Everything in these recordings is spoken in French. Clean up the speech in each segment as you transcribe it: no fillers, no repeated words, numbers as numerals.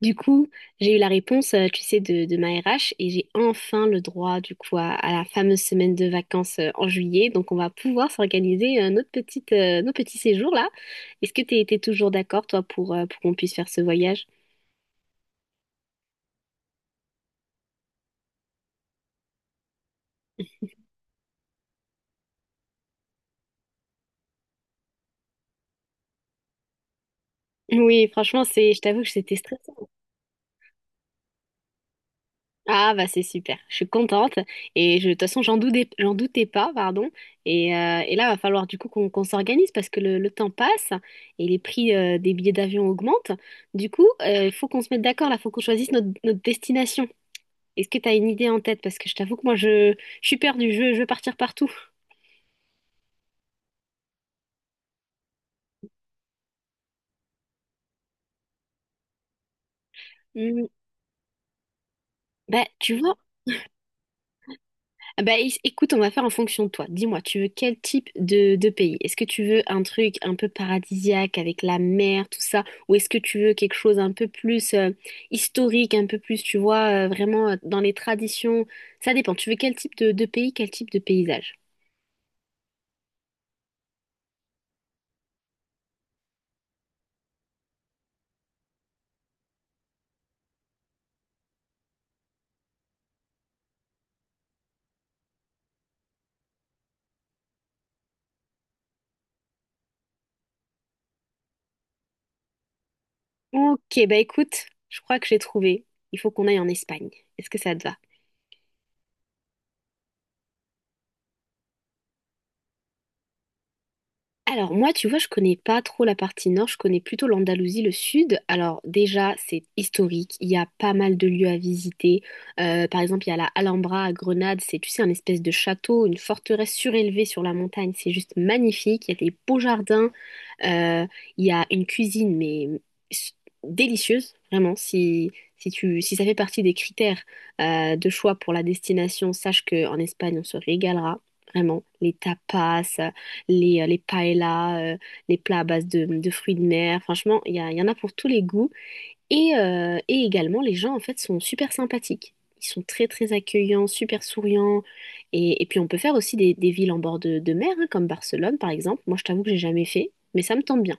Du coup, j'ai eu la réponse, tu sais, de ma RH et j'ai enfin le droit, du coup, à la fameuse semaine de vacances en juillet. Donc, on va pouvoir s'organiser nos petits séjours là. Est-ce que tu étais toujours d'accord, toi, pour qu'on puisse faire ce voyage? Oui, franchement, je t'avoue que c'était stressant. Ah bah c'est super, je suis contente et de toute façon j'en doutais pas, pardon. Et là va falloir du coup qu'on s'organise parce que le temps passe et les prix des billets d'avion augmentent. Du coup, il faut qu'on se mette d'accord là, faut qu'on choisisse notre destination. Est-ce que tu as une idée en tête? Parce que je t'avoue que moi je suis perdue, je veux partir partout. Hmm, Bah tu vois. Ah bah, écoute, on va faire en fonction de toi. Dis-moi, tu veux quel type de pays? Est-ce que tu veux un truc un peu paradisiaque avec la mer, tout ça? Ou est-ce que tu veux quelque chose un peu plus historique, un peu plus, tu vois, vraiment dans les traditions? Ça dépend. Tu veux quel type de pays, quel type de paysage? Ok, bah écoute, je crois que j'ai trouvé. Il faut qu'on aille en Espagne. Est-ce que ça te va? Alors moi, tu vois, je connais pas trop la partie nord, je connais plutôt l'Andalousie, le sud. Alors déjà, c'est historique, il y a pas mal de lieux à visiter. Par exemple, il y a la Alhambra à Grenade, c'est, tu sais, un espèce de château, une forteresse surélevée sur la montagne, c'est juste magnifique, il y a des beaux jardins, euh, il y a une cuisine, mais s- délicieuse, vraiment. Si ça fait partie des critères de choix pour la destination, sache qu'en Espagne, on se régalera, vraiment. Les tapas, les paellas, les plats à base de fruits de mer. Franchement, il y en a pour tous les goûts. Et également, les gens, en fait, sont super sympathiques. Ils sont très, très accueillants, super souriants. Et puis, on peut faire aussi des villes en bord de mer, hein, comme Barcelone, par exemple. Moi, je t'avoue que j'ai jamais fait, mais ça me tente bien.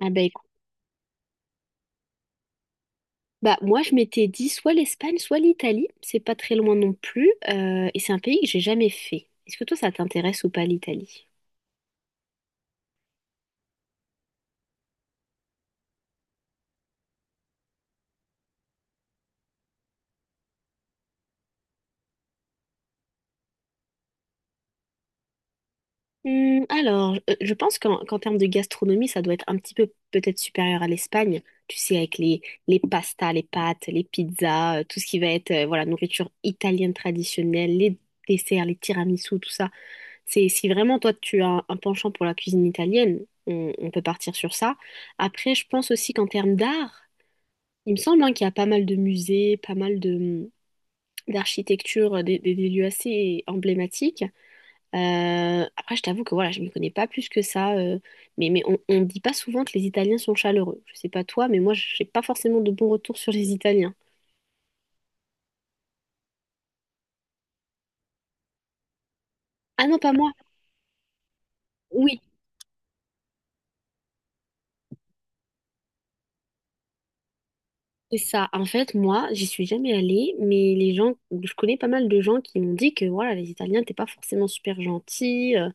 Ah bah écoute, bah moi je m'étais dit soit l'Espagne, soit l'Italie, c'est pas très loin non plus, et c'est un pays que j'ai jamais fait. Est-ce que toi ça t'intéresse ou pas l'Italie? Alors, je pense qu'en termes de gastronomie, ça doit être un petit peu peut-être supérieur à l'Espagne. Tu sais, avec les pastas, les pâtes, les pizzas, tout ce qui va être voilà, nourriture italienne traditionnelle, les desserts, les tiramisus, tout ça. Si vraiment toi, tu as un penchant pour la cuisine italienne, on peut partir sur ça. Après, je pense aussi qu'en termes d'art, il me semble hein, qu'il y a pas mal de musées, pas mal de d'architecture des lieux assez emblématiques. Après, je t'avoue que voilà, je ne m'y connais pas plus que ça. Mais on ne dit pas souvent que les Italiens sont chaleureux. Je sais pas toi, mais moi, j'ai pas forcément de bons retours sur les Italiens. Ah non, pas moi. Oui, c'est ça. En fait, moi, j'y suis jamais allée, mais les gens, je connais pas mal de gens qui m'ont dit que voilà, les Italiens, t'es pas forcément super gentils.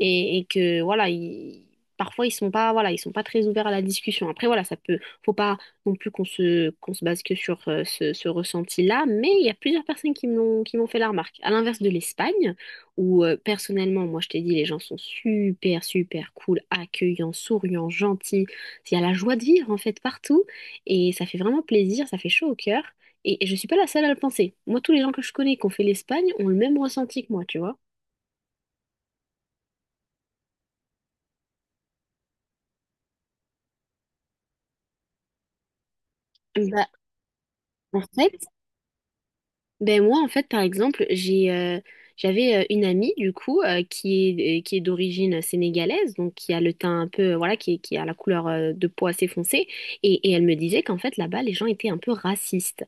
Et que voilà parfois ils sont pas très ouverts à la discussion. Après voilà, ça peut, faut pas non plus qu'on se base que sur ce ressenti-là, mais il y a plusieurs personnes qui me l'ont, qui m'ont fait la remarque, à l'inverse de l'Espagne où personnellement moi je t'ai dit les gens sont super super cool, accueillants, souriants, gentils. Il y a la joie de vivre en fait partout, et ça fait vraiment plaisir, ça fait chaud au cœur, et je suis pas la seule à le penser. Moi, tous les gens que je connais qui ont fait l'Espagne ont le même ressenti que moi, tu vois. Bah, en fait, Ben moi en fait par exemple j'avais une amie du coup qui est d'origine sénégalaise donc qui a le teint un peu voilà qui a la couleur de peau assez foncée, et elle me disait qu'en fait là-bas les gens étaient un peu racistes.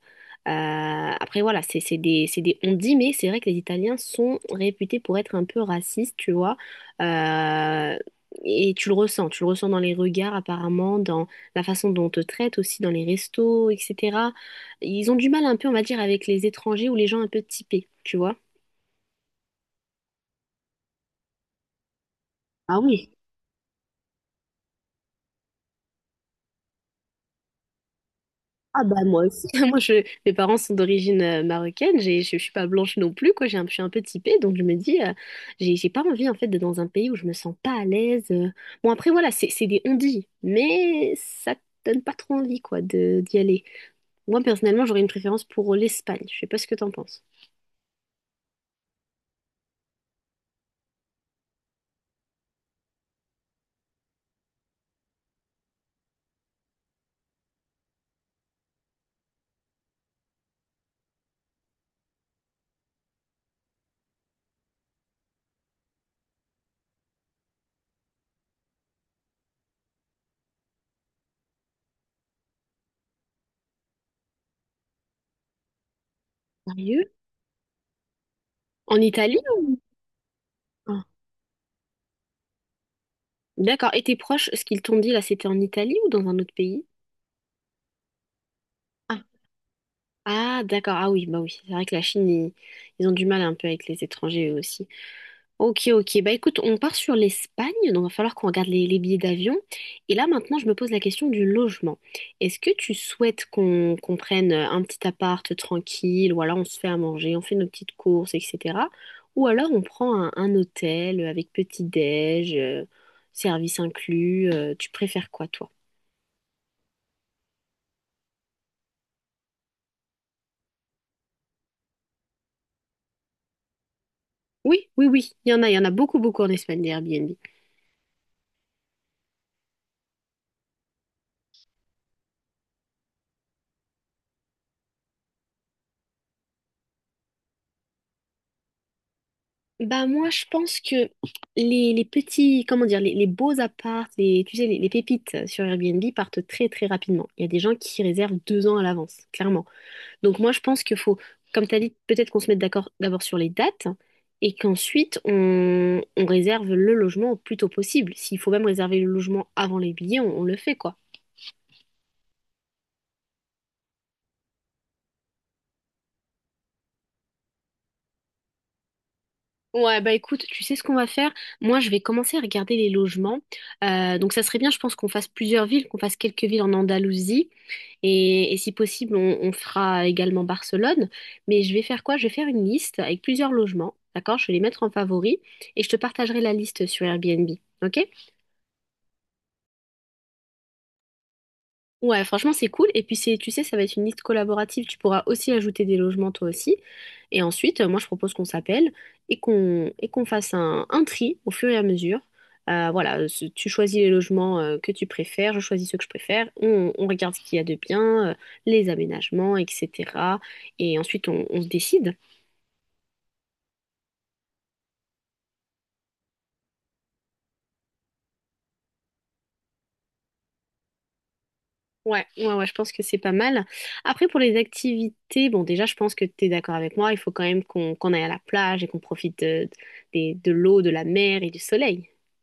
Après voilà c'est des on dit mais c'est vrai que les Italiens sont réputés pour être un peu racistes, tu vois. Euh, et tu le ressens dans les regards, apparemment, dans la façon dont on te traite aussi, dans les restos, etc. Ils ont du mal un peu, on va dire, avec les étrangers ou les gens un peu typés, tu vois. Ah oui. Ah bah moi aussi. Moi, mes parents sont d'origine marocaine, je suis pas blanche non plus, quoi. Je suis un peu typée, donc je me dis, j'ai pas envie en fait d'être dans un pays où je me sens pas à l'aise. Bon, après, voilà, c'est des on-dit, mais ça te donne pas trop envie, quoi, d'y aller. Moi, personnellement, j'aurais une préférence pour l'Espagne. Je sais pas ce que t'en penses. Sérieux? En Italie ou...? Ah, d'accord. Et tes proches, ce qu'ils t'ont dit là, c'était en Italie ou dans un autre pays? Ah, d'accord. Ah oui, bah oui. C'est vrai que la Chine, ils ont du mal un peu avec les étrangers eux aussi. Ok, ok. Bah écoute, on part sur l'Espagne, donc il va falloir qu'on regarde les billets d'avion. Et là, maintenant, je me pose la question du logement. Est-ce que tu souhaites qu'on prenne un petit appart tranquille, ou alors on se fait à manger, on fait nos petites courses, etc. Ou alors on prend un hôtel avec petit-déj, service inclus. Tu préfères quoi, toi? Oui, oui, oui. Il y en a beaucoup, beaucoup en Espagne, des Airbnb. Bah moi je pense que les petits, comment dire, les beaux apparts, les, tu sais, les pépites sur Airbnb partent très très rapidement. Il y a des gens qui réservent 2 ans à l'avance, clairement. Donc moi je pense qu'il faut, comme tu as dit, peut-être qu'on se mette d'accord d'abord sur les dates et qu'ensuite on réserve le logement au plus tôt possible. S'il faut même réserver le logement avant les billets, on le fait quoi. Ouais, bah écoute, tu sais ce qu'on va faire? Moi, je vais commencer à regarder les logements. Donc, ça serait bien, je pense, qu'on fasse plusieurs villes, qu'on fasse quelques villes en Andalousie. Et si possible, on fera également Barcelone. Mais je vais faire quoi? Je vais faire une liste avec plusieurs logements. D'accord? Je vais les mettre en favori et je te partagerai la liste sur Airbnb. OK? Ouais, franchement, c'est cool. Et puis, tu sais, ça va être une liste collaborative. Tu pourras aussi ajouter des logements, toi aussi. Et ensuite, moi, je propose qu'on s'appelle et qu'on fasse un tri au fur et à mesure. Voilà, tu choisis les logements que tu préfères, je choisis ceux que je préfère. On regarde ce qu'il y a de bien, les aménagements, etc. Et ensuite, on se décide. Ouais, ouais, ouais, je pense que c'est pas mal. Après, pour les activités, bon, déjà, je pense que tu es d'accord avec moi, il faut quand même qu'on aille à la plage et qu'on profite de l'eau, de la mer et du soleil.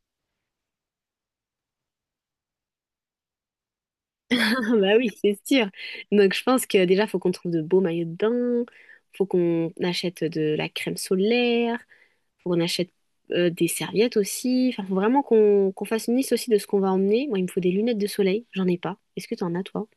Ah bah oui, c'est sûr. Donc, je pense que déjà, faut qu'on trouve de beaux maillots de bain, faut qu'on achète de la crème solaire, faut qu'on achète des serviettes aussi. Enfin, faut vraiment qu'on fasse une liste aussi de ce qu'on va emmener. Moi, il me faut des lunettes de soleil, j'en ai pas. Est-ce que tu en as, toi?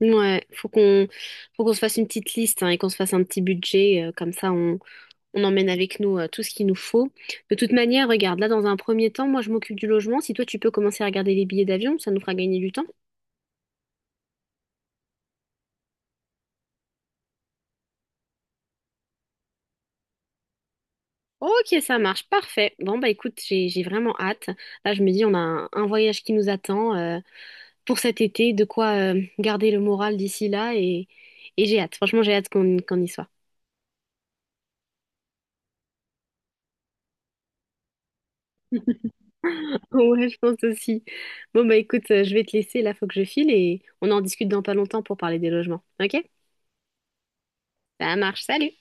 Ouais, faut qu'on se fasse une petite liste hein, et qu'on se fasse un petit budget, comme ça on emmène avec nous tout ce qu'il nous faut. De toute manière, regarde, là dans un premier temps, moi je m'occupe du logement. Si toi tu peux commencer à regarder les billets d'avion, ça nous fera gagner du temps. Ok, ça marche, parfait. Bon bah écoute, j'ai vraiment hâte. Là je me dis on a un voyage qui nous attend pour cet été, de quoi garder le moral d'ici là et j'ai hâte. Franchement j'ai hâte qu'on y soit. Ouais, je pense aussi. Bon, bah écoute, je vais te laisser, là, faut que je file et on en discute dans pas longtemps pour parler des logements. Ok? Ça marche, salut!